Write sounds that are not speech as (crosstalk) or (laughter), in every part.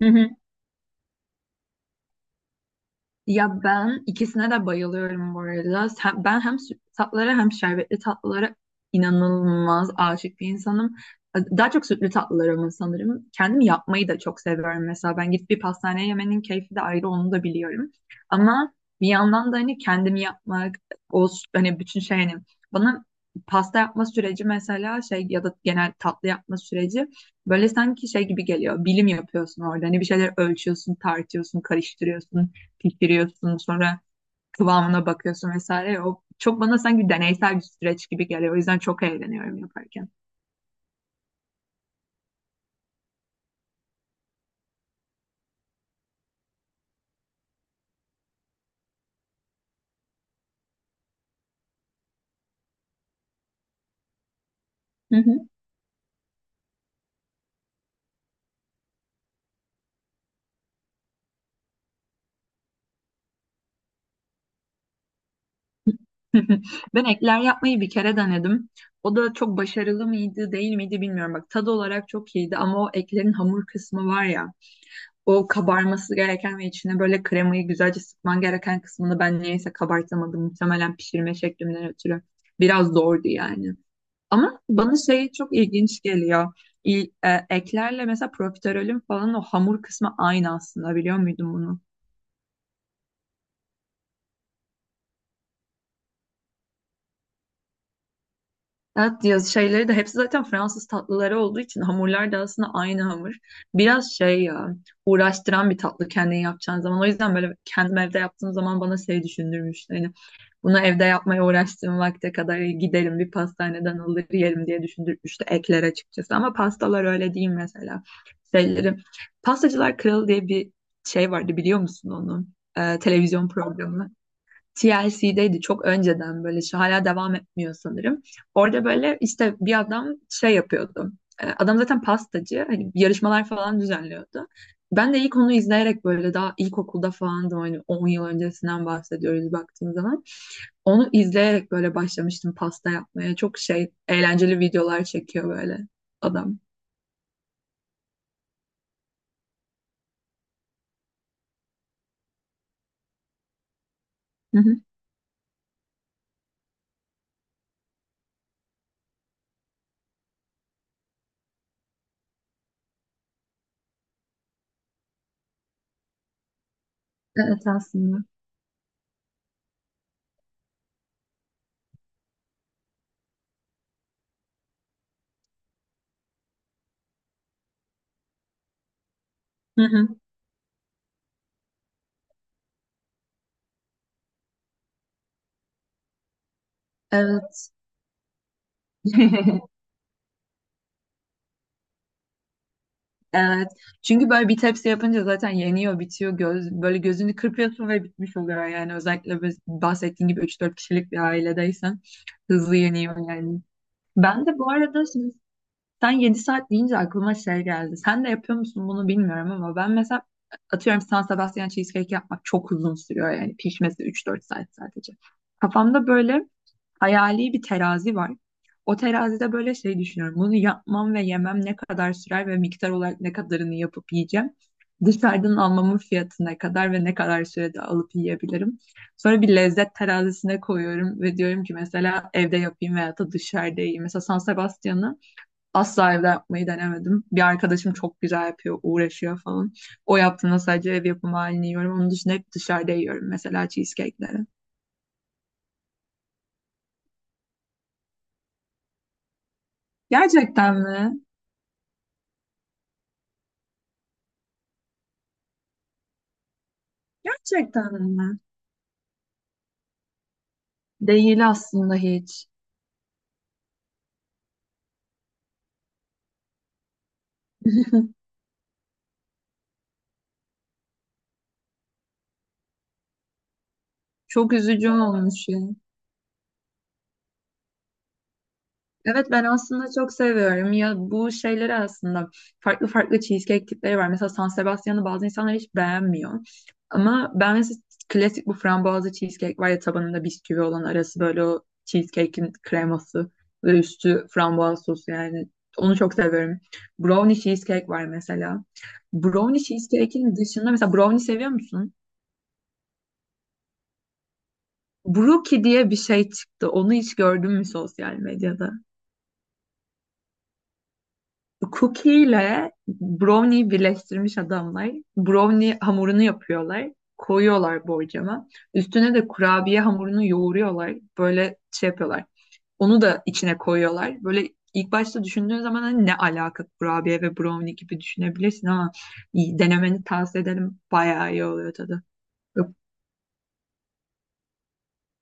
Hı hı. Ya ben ikisine de bayılıyorum bu arada. Ben hem sütlü tatlılara hem şerbetli tatlılara inanılmaz aşık bir insanım. Daha çok sütlü tatlılara ama sanırım. Kendim yapmayı da çok seviyorum mesela. Ben gidip bir pastaneye yemenin keyfi de ayrı onu da biliyorum. Ama bir yandan da hani kendim yapmak, o s- hani bütün şey hani bana pasta yapma süreci mesela şey ya da genel tatlı yapma süreci böyle sanki şey gibi geliyor. Bilim yapıyorsun orada. Hani bir şeyler ölçüyorsun, tartıyorsun, karıştırıyorsun pişiriyorsun sonra kıvamına bakıyorsun vesaire. O çok bana sanki deneysel bir süreç gibi geliyor. O yüzden çok eğleniyorum yaparken. Hı hı. (laughs) Ben ekler yapmayı bir kere denedim. O da çok başarılı mıydı, değil miydi bilmiyorum. Bak tadı olarak çok iyiydi ama o eklerin hamur kısmı var ya. O kabarması gereken ve içine böyle kremayı güzelce sıkman gereken kısmını ben niyeyse kabartamadım. Muhtemelen pişirme şeklimden ötürü. Biraz zordu yani. Ama bana şey çok ilginç geliyor. Eklerle mesela profiterolün falan o hamur kısmı aynı aslında biliyor muydun bunu? Evet, yaz şeyleri de hepsi zaten Fransız tatlıları olduğu için hamurlar da aslında aynı hamur. Biraz şey ya uğraştıran bir tatlı kendin yapacağın zaman. O yüzden böyle kendim evde yaptığım zaman bana şey düşündürmüştü. Hani bunu evde yapmaya uğraştığım vakte kadar giderim bir pastaneden alır yerim diye düşündürmüştü ekler açıkçası. Ama pastalar öyle değil mesela. Şeyleri. Pastacılar Kralı diye bir şey vardı biliyor musun onu? Televizyon programı. TLC'deydi çok önceden böyle şu hala devam etmiyor sanırım. Orada böyle işte bir adam şey yapıyordu. Adam zaten pastacı hani yarışmalar falan düzenliyordu. Ben de ilk onu izleyerek böyle daha ilkokulda falandım hani 10 yıl öncesinden bahsediyoruz baktığım zaman. Onu izleyerek böyle başlamıştım pasta yapmaya. Çok şey eğlenceli videolar çekiyor böyle adam. Hı hı. Evet aslında. Hı hı. Evet. (laughs) Evet. Çünkü böyle bir tepsi yapınca zaten yeniyor, bitiyor. Göz, böyle gözünü kırpıyorsun ve bitmiş oluyor yani. Özellikle biz bahsettiğin gibi üç dört kişilik bir ailedeysen hızlı yeniyor yani. Ben de bu arada şimdi sen 7 saat deyince aklıma şey geldi. Sen de yapıyor musun bunu bilmiyorum ama ben mesela atıyorum San Sebastian cheesecake yapmak çok uzun sürüyor yani. Pişmesi üç dört saat sadece. Kafamda böyle hayali bir terazi var. O terazide böyle şey düşünüyorum. Bunu yapmam ve yemem ne kadar sürer ve miktar olarak ne kadarını yapıp yiyeceğim. Dışarıdan almamın fiyatı ne kadar ve ne kadar sürede alıp yiyebilirim. Sonra bir lezzet terazisine koyuyorum ve diyorum ki mesela evde yapayım veya da dışarıda yiyeyim. Mesela San Sebastian'ı asla evde yapmayı denemedim. Bir arkadaşım çok güzel yapıyor, uğraşıyor falan. O yaptığında sadece ev yapımı halini yiyorum. Onun dışında hep dışarıda yiyorum mesela cheesecake'leri. Gerçekten mi? Gerçekten mi? Değil aslında hiç. (laughs) Çok üzücü olmuş ya. Evet ben aslında çok seviyorum ya bu şeyleri aslında farklı farklı cheesecake tipleri var. Mesela San Sebastian'ı bazı insanlar hiç beğenmiyor. Ama ben mesela klasik bu frambuazlı cheesecake var ya tabanında bisküvi olan arası böyle o cheesecake'in kreması ve üstü frambuaz sosu yani onu çok seviyorum. Brownie cheesecake var mesela. Brownie cheesecake'in dışında mesela brownie seviyor musun? Brookie diye bir şey çıktı. Onu hiç gördün mü sosyal medyada? Cookie ile brownie birleştirmiş adamlar. Brownie hamurunu yapıyorlar. Koyuyorlar borcama. Üstüne de kurabiye hamurunu yoğuruyorlar. Böyle şey yapıyorlar. Onu da içine koyuyorlar. Böyle ilk başta düşündüğün zaman hani ne alaka kurabiye ve brownie gibi düşünebilirsin ama iyi, denemeni tavsiye ederim. Bayağı iyi oluyor tadı.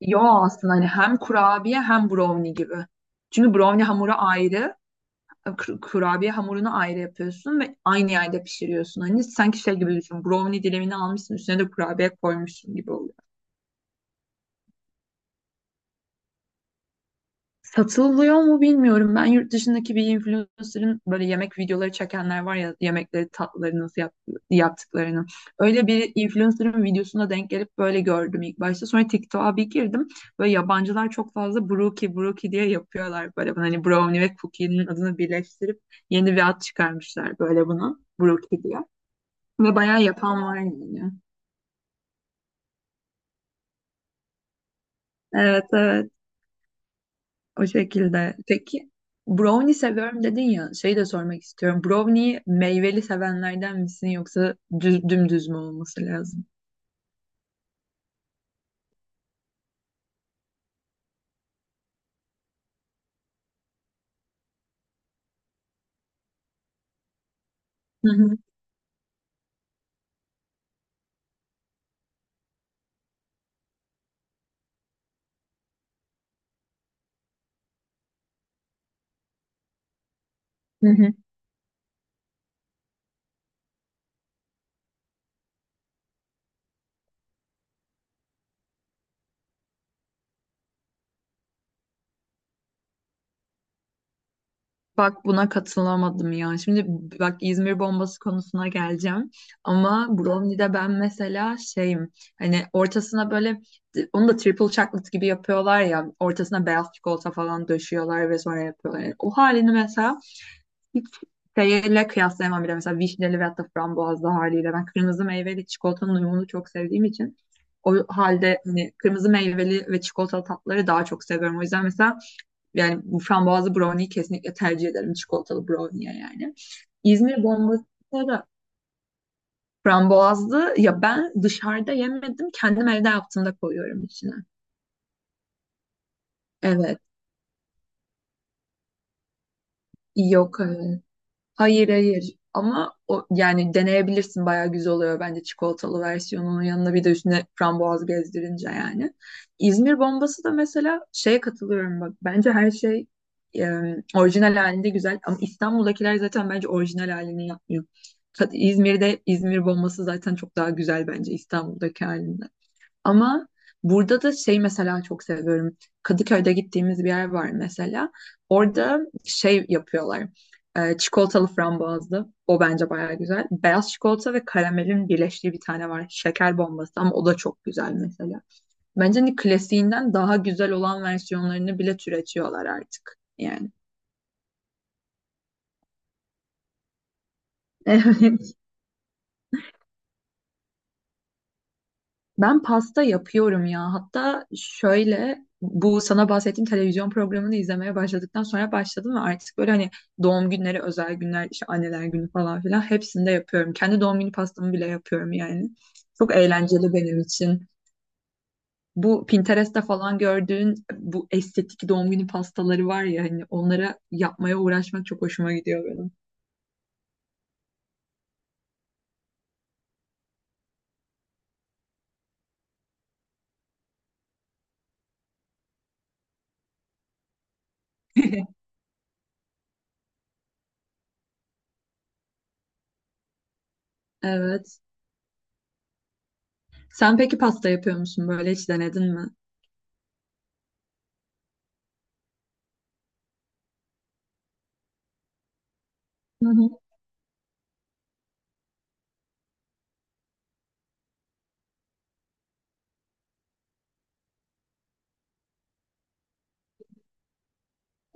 Yo aslında hani hem kurabiye hem brownie gibi. Çünkü brownie hamuru ayrı, kurabiye hamurunu ayrı yapıyorsun ve aynı yerde pişiriyorsun. Hani sanki şey gibi düşün. Brownie dilimini almışsın üstüne de kurabiye koymuşsun gibi oluyor. Satılıyor mu bilmiyorum. Ben yurt dışındaki bir influencer'ın böyle yemek videoları çekenler var ya yemekleri tatlıları nasıl yaptıklarını. Öyle bir influencer'ın videosuna denk gelip böyle gördüm ilk başta. Sonra TikTok'a bir girdim. Böyle yabancılar çok fazla brookie brookie diye yapıyorlar böyle. Hani brownie ve cookie'nin adını birleştirip yeni bir ad çıkarmışlar böyle buna. Brookie diye. Ve bayağı yapan var yani. Evet evet o şekilde. Peki brownie seviyorum dedin ya şeyi de sormak istiyorum. Brownie'yi meyveli sevenlerden misin yoksa düz, dümdüz mü olması lazım? Hı hı. Hı hı. Bak buna katılamadım ya. Şimdi bak İzmir bombası konusuna geleceğim. Ama brownie'de ben mesela şeyim hani ortasına böyle onu da triple chocolate gibi yapıyorlar ya ortasına beyaz çikolata falan döşüyorlar ve sonra yapıyorlar. Yani o halini mesela hiç şeyle kıyaslayamam bile. Mesela vişneli veyahut da frambuazlı haliyle. Ben kırmızı meyveli çikolatanın uyumunu çok sevdiğim için o halde hani kırmızı meyveli ve çikolatalı tatları daha çok seviyorum. O yüzden mesela yani bu frambuazlı brownie'yi kesinlikle tercih ederim çikolatalı brownie'ye yani. İzmir bombası da frambuazlı ya ben dışarıda yemedim kendim evde yaptığımda koyuyorum içine. Evet. Yok, evet. Hayır hayır ama o, yani deneyebilirsin bayağı güzel oluyor bence çikolatalı versiyonunun yanına bir de üstüne frambuaz gezdirince yani. İzmir bombası da mesela şeye katılıyorum bak bence her şey e, orijinal halinde güzel ama İstanbul'dakiler zaten bence orijinal halini yapmıyor. İzmir'de İzmir bombası zaten çok daha güzel bence İstanbul'daki halinden. Ama burada da şey mesela çok seviyorum. Kadıköy'de gittiğimiz bir yer var mesela. Orada şey yapıyorlar. Çikolatalı frambuazlı. O bence bayağı güzel. Beyaz çikolata ve karamelin birleştiği bir tane var. Şeker bombası ama o da çok güzel mesela. Bence hani klasiğinden daha güzel olan versiyonlarını bile türetiyorlar artık. Yani. (laughs) Evet. Ben pasta yapıyorum ya. Hatta şöyle bu sana bahsettiğim televizyon programını izlemeye başladıktan sonra başladım ve artık böyle hani doğum günleri, özel günler, işte anneler günü falan filan hepsinde yapıyorum. Kendi doğum günü pastamı bile yapıyorum yani. Çok eğlenceli benim için. Bu Pinterest'te falan gördüğün bu estetik doğum günü pastaları var ya hani onlara yapmaya uğraşmak çok hoşuma gidiyor benim. (laughs) Evet. Sen peki pasta yapıyor musun böyle hiç denedin mi? (laughs)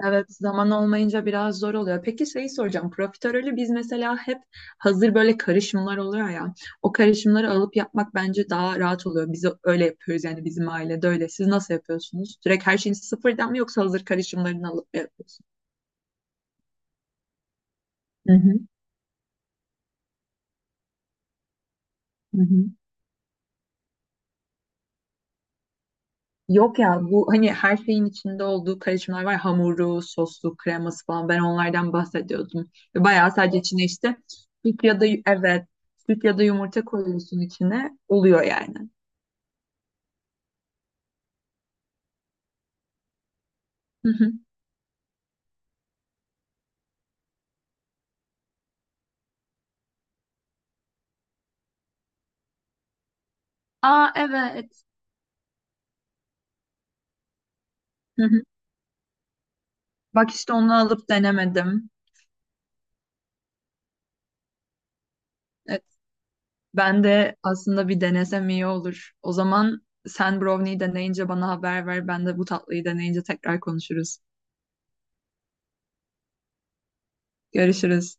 Evet, zaman olmayınca biraz zor oluyor. Peki şeyi soracağım. Profiterolü biz mesela hep hazır böyle karışımlar oluyor ya. O karışımları alıp yapmak bence daha rahat oluyor. Biz öyle yapıyoruz yani bizim ailede öyle. Siz nasıl yapıyorsunuz? Direkt her şeyin sıfırdan mı yoksa hazır karışımlarını alıp mı yapıyorsunuz? Hı hı, hı hı. Yok ya bu hani her şeyin içinde olduğu karışımlar var. Hamuru, soslu, kreması falan. Ben onlardan bahsediyordum. Bayağı sadece içine işte süt ya da evet süt ya da yumurta koyuyorsun içine. Oluyor yani. (laughs) Aa evet. Hı hı. Bak işte onu alıp denemedim. Evet, ben de aslında bir denesem iyi olur. O zaman sen brownie'yi deneyince bana haber ver. Ben de bu tatlıyı deneyince tekrar konuşuruz. Görüşürüz.